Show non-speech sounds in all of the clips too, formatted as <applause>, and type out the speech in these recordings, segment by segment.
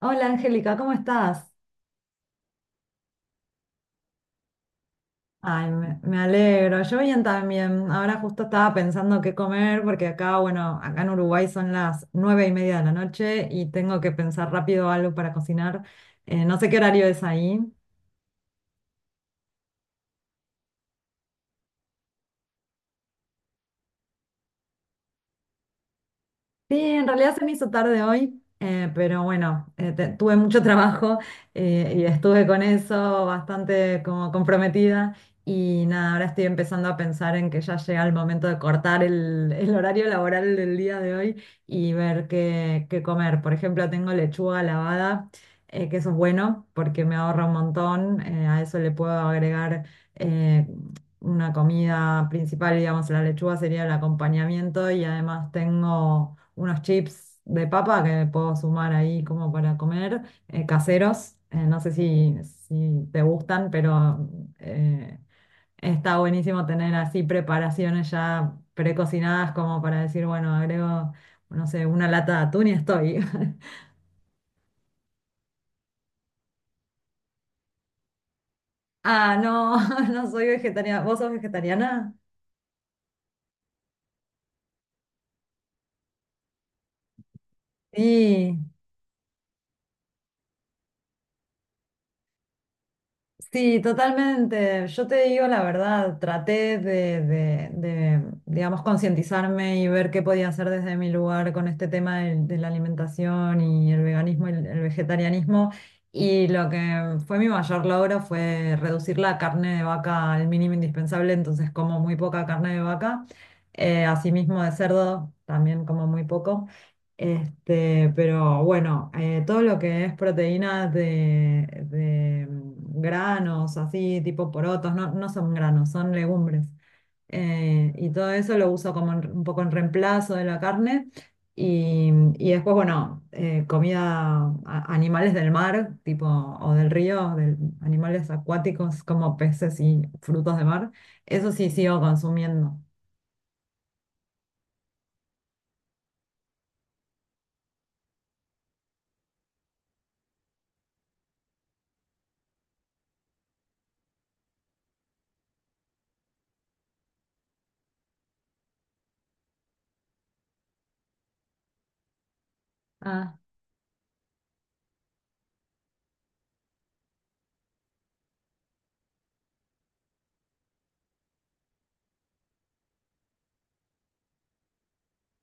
Hola Angélica, ¿cómo estás? Ay, me alegro. Yo bien también. Ahora justo estaba pensando qué comer porque acá, bueno, acá en Uruguay son las 9:30 de la noche y tengo que pensar rápido algo para cocinar. No sé qué horario es ahí. Sí, en realidad se me hizo tarde hoy, pero bueno, tuve mucho <laughs> trabajo y estuve con eso bastante como comprometida y nada, ahora estoy empezando a pensar en que ya llega el momento de cortar el horario laboral del día de hoy y ver qué comer. Por ejemplo, tengo lechuga lavada, que eso es bueno porque me ahorra un montón. A eso le puedo agregar... eh, una comida principal, digamos, la lechuga sería el acompañamiento y además tengo unos chips de papa que puedo sumar ahí como para comer, caseros. No sé si te gustan, pero eh, está buenísimo tener así preparaciones ya precocinadas como para decir, bueno, agrego, no sé, una lata de atún y estoy. <laughs> Ah, no, <laughs> no soy vegetariana. ¿Vos sos vegetariana? Sí. Sí, totalmente. Yo te digo la verdad, traté de digamos, concientizarme y ver qué podía hacer desde mi lugar con este tema de la alimentación y el veganismo y el vegetarianismo. Y lo que fue mi mayor logro fue reducir la carne de vaca al mínimo indispensable, entonces como muy poca carne de vaca. Asimismo de cerdo, también como muy poco. Este, pero bueno, todo lo que es proteínas de granos, así, tipo porotos, no, no son granos, son legumbres. Y todo eso lo uso como un poco en reemplazo de la carne. Y, y después, bueno, comida, animales del mar, tipo, o del río, animales acuáticos como peces y frutos de mar. Eso sí sigo consumiendo. Ah,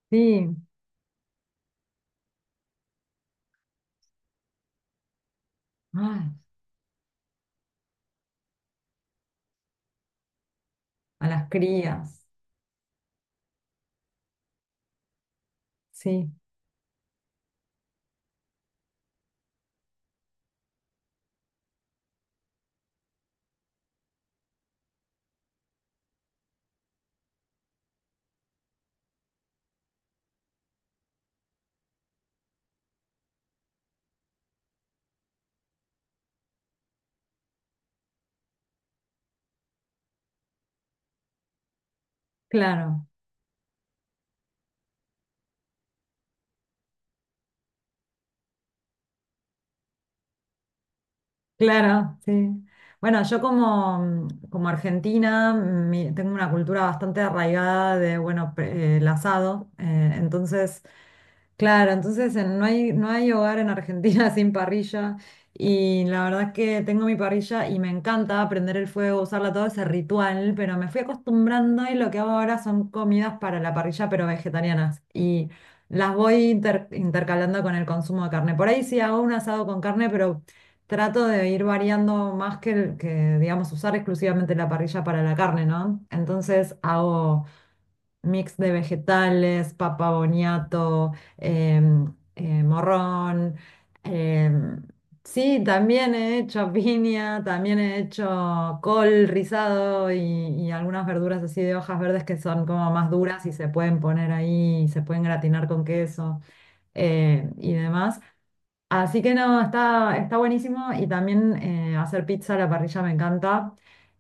sí. Ay, a las crías, sí. Claro, claro, sí. Bueno, yo como, como argentina tengo una cultura bastante arraigada de, bueno, el asado. Entonces, claro, entonces no hay hogar en Argentina <laughs> sin parrilla. Y la verdad es que tengo mi parrilla y me encanta prender el fuego, usarla todo ese ritual, pero me fui acostumbrando y lo que hago ahora son comidas para la parrilla, pero vegetarianas. Y las voy intercalando con el consumo de carne. Por ahí sí hago un asado con carne, pero trato de ir variando más que, que, digamos, usar exclusivamente la parrilla para la carne, ¿no? Entonces hago mix de vegetales, papa boniato, em, morrón. em, sí, también he hecho piña, también he hecho col rizado y algunas verduras así de hojas verdes que son como más duras y se pueden poner ahí, se pueden gratinar con queso y demás. Así que no, está buenísimo y también hacer pizza a la parrilla me encanta.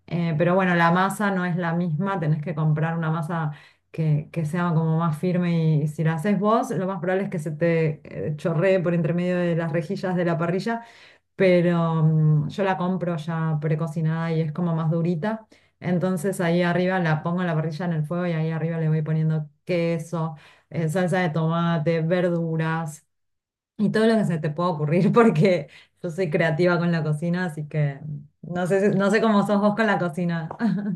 Pero bueno, la masa no es la misma, tenés que comprar una masa que sea como más firme y si la haces vos, lo más probable es que se te chorree por entre medio de las rejillas de la parrilla, pero yo la compro ya precocinada y es como más durita. Entonces ahí arriba la pongo en la parrilla en el fuego y ahí arriba le voy poniendo queso, salsa de tomate, verduras. Y todo lo que se te pueda ocurrir, <laughs> porque yo soy creativa con la cocina, así que no sé, no sé cómo sos vos con la cocina. <laughs>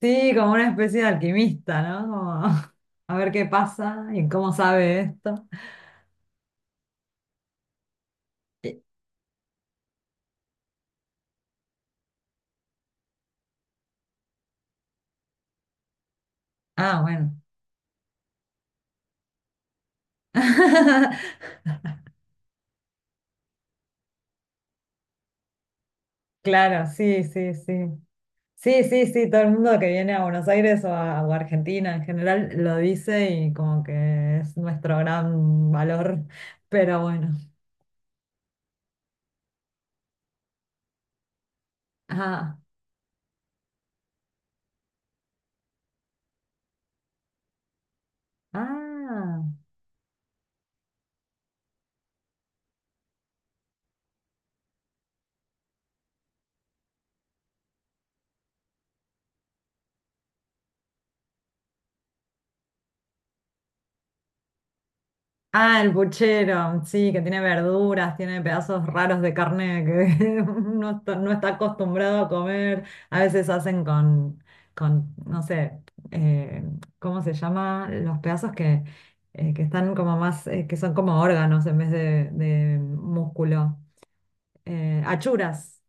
Sí, como una especie de alquimista, ¿no? Como, <laughs> a ver qué pasa y cómo sabe esto. Y- ah, bueno. <laughs> Claro, sí, sí, sí. Sí, sí, sí, todo el mundo que viene a Buenos Aires o a Argentina en general lo dice y como que es nuestro gran valor, pero bueno. Ah, ah. Ah, el puchero, sí, que tiene verduras, tiene pedazos raros de carne que <laughs> uno no está acostumbrado a comer. A veces hacen con no sé, eh, ¿cómo se llama? Los pedazos que están como más, que son como órganos en vez de músculo. Achuras.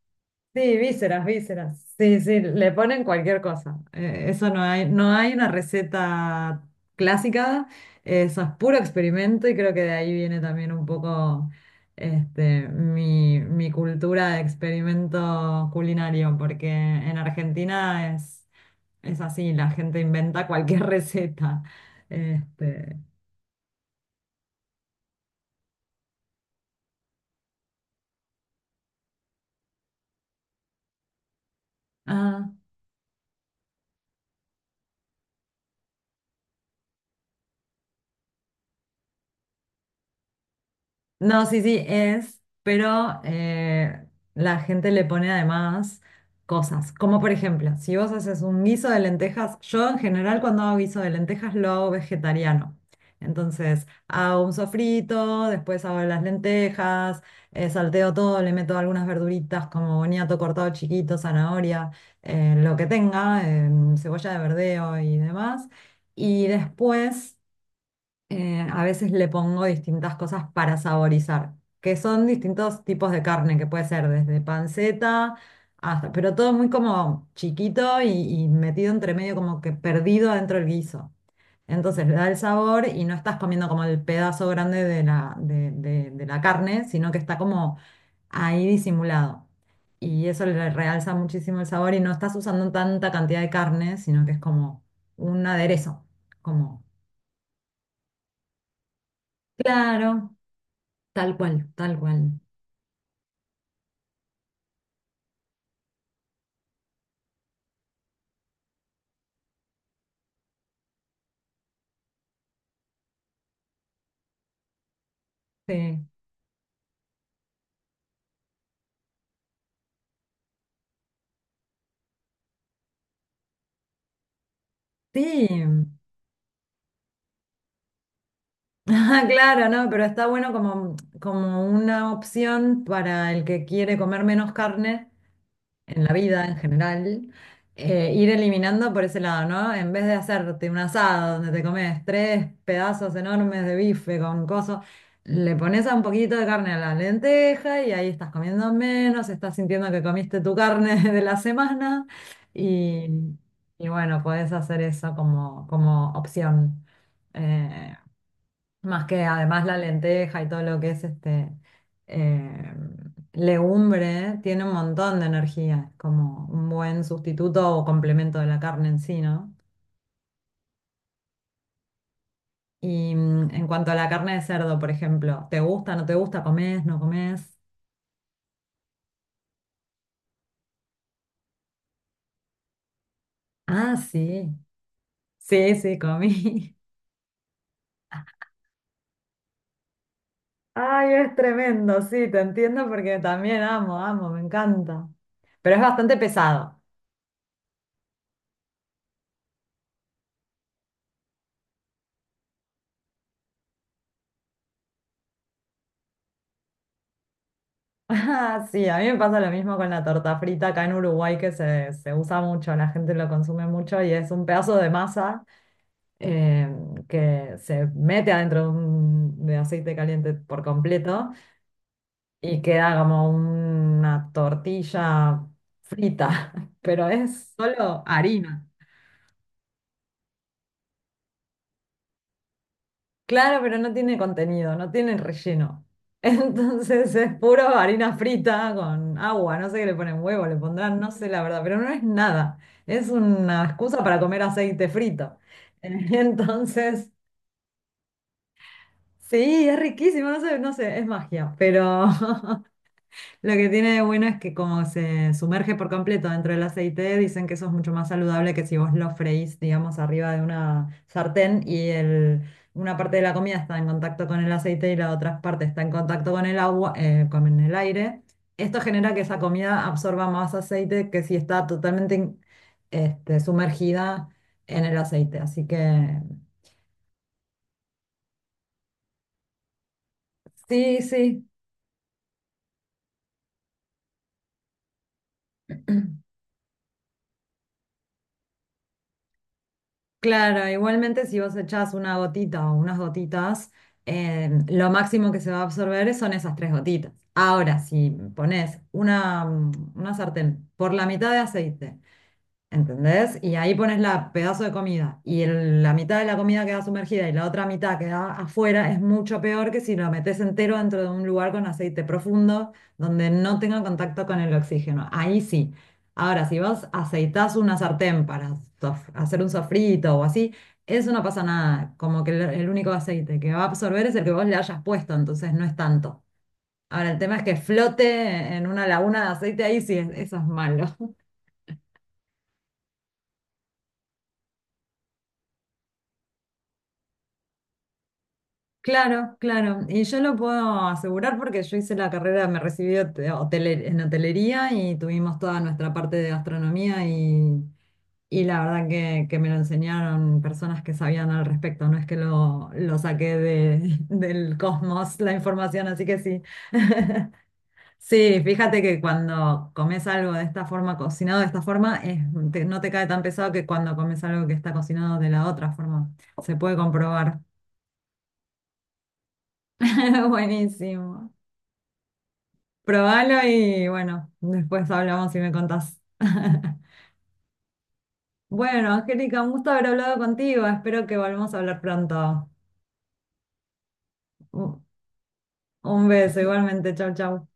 Sí, vísceras, vísceras. Sí, sí, le ponen cualquier cosa. Eso no hay, no hay una receta clásica, eso es puro experimento y creo que de ahí viene también un poco este, mi cultura de experimento culinario, porque en Argentina es así, la gente inventa cualquier <laughs> receta. Este, ah, no, sí, sí, es, pero la gente le pone además cosas, como por ejemplo, si vos haces un guiso de lentejas, yo en general cuando hago guiso de lentejas lo hago vegetariano. Entonces hago un sofrito, después hago las lentejas, salteo todo, le meto algunas verduritas como boniato cortado chiquito, zanahoria, lo que tenga, cebolla de verdeo y demás. Y después a veces le pongo distintas cosas para saborizar, que son distintos tipos de carne, que puede ser desde panceta hasta, pero todo muy como chiquito y metido entre medio, como que perdido dentro del guiso. Entonces le da el sabor y no estás comiendo como el pedazo grande de la carne, sino que está como ahí disimulado. Y eso le realza muchísimo el sabor y no estás usando tanta cantidad de carne, sino que es como un aderezo, como. Claro. Tal cual, tal cual. Sí. Sí. <laughs> Ah, claro, no, pero está bueno como una opción para el que quiere comer menos carne en la vida en general, ir eliminando por ese lado, ¿no? En vez de hacerte un asado donde te comes tres pedazos enormes de bife con coso, le pones a un poquito de carne a la lenteja y ahí estás comiendo menos, estás sintiendo que comiste tu carne <laughs> de la semana y, y bueno, podés hacer eso como opción. Eh, Más que además la lenteja y todo lo que es este eh, legumbre tiene un montón de energía, es como un buen sustituto o complemento de la carne en sí, ¿no? Y en cuanto a la carne de cerdo, por ejemplo, ¿te gusta, no te gusta, comés, no comés? Ah, sí, sí, sí, comí. <laughs> Ay, es tremendo, sí, te entiendo porque también amo, amo, me encanta. Pero es bastante pesado. Ah, sí, a mí me pasa lo mismo con la torta frita acá en Uruguay, que se usa mucho, la gente lo consume mucho y es un pedazo de masa eh, que se mete adentro de aceite caliente por completo y queda como una tortilla frita, <laughs> pero es solo harina. Claro, pero no tiene contenido, no tiene relleno. <laughs> Entonces es puro harina frita con agua, no sé qué le ponen huevo, le pondrán, no sé la verdad, pero no es nada. Es una excusa para comer aceite frito. <laughs> Entonces, sí, es riquísimo, no sé, es magia, pero <laughs> Lo que tiene de bueno es que como se sumerge por completo dentro del aceite, dicen que eso es mucho más saludable que si vos lo freís, digamos, arriba de una sartén y una parte de la comida está en contacto con el aceite y la otra parte está en contacto con el agua, con el aire. Esto genera que esa comida absorba más aceite que si está totalmente este, sumergida en el aceite. Así que sí, sí. Claro, igualmente si vos echás una gotita o unas gotitas, lo máximo que se va a absorber son esas tres gotitas. Ahora, si pones una sartén por la mitad de aceite, ¿entendés? Y ahí pones la pedazo de comida y la mitad de la comida queda sumergida y la otra mitad queda afuera, es mucho peor que si lo metes entero dentro de un lugar con aceite profundo donde no tenga contacto con el oxígeno. Ahí sí. Ahora, si vos aceitás una sartén para hacer un sofrito o así, eso no pasa nada. Como que el único aceite que va a absorber es el que vos le hayas puesto, entonces no es tanto. Ahora, el tema es que flote en una laguna de aceite, ahí sí, eso es malo. Claro, claro. Y yo lo puedo asegurar porque yo hice la carrera, me recibí en hotelería y tuvimos toda nuestra parte de gastronomía y la verdad que me lo enseñaron personas que sabían al respecto. No es que lo saqué <laughs> del cosmos la información, así que sí. Sí, fíjate que cuando comes algo de esta forma, cocinado de esta forma, no te cae tan pesado que cuando comes algo que está cocinado de la otra forma. Se puede comprobar. <laughs> Buenísimo. Probalo y bueno, después hablamos y me contás. <laughs> Bueno, Angélica, un gusto haber hablado contigo. Espero que volvamos a hablar pronto. Un un beso, igualmente. Chau, chau.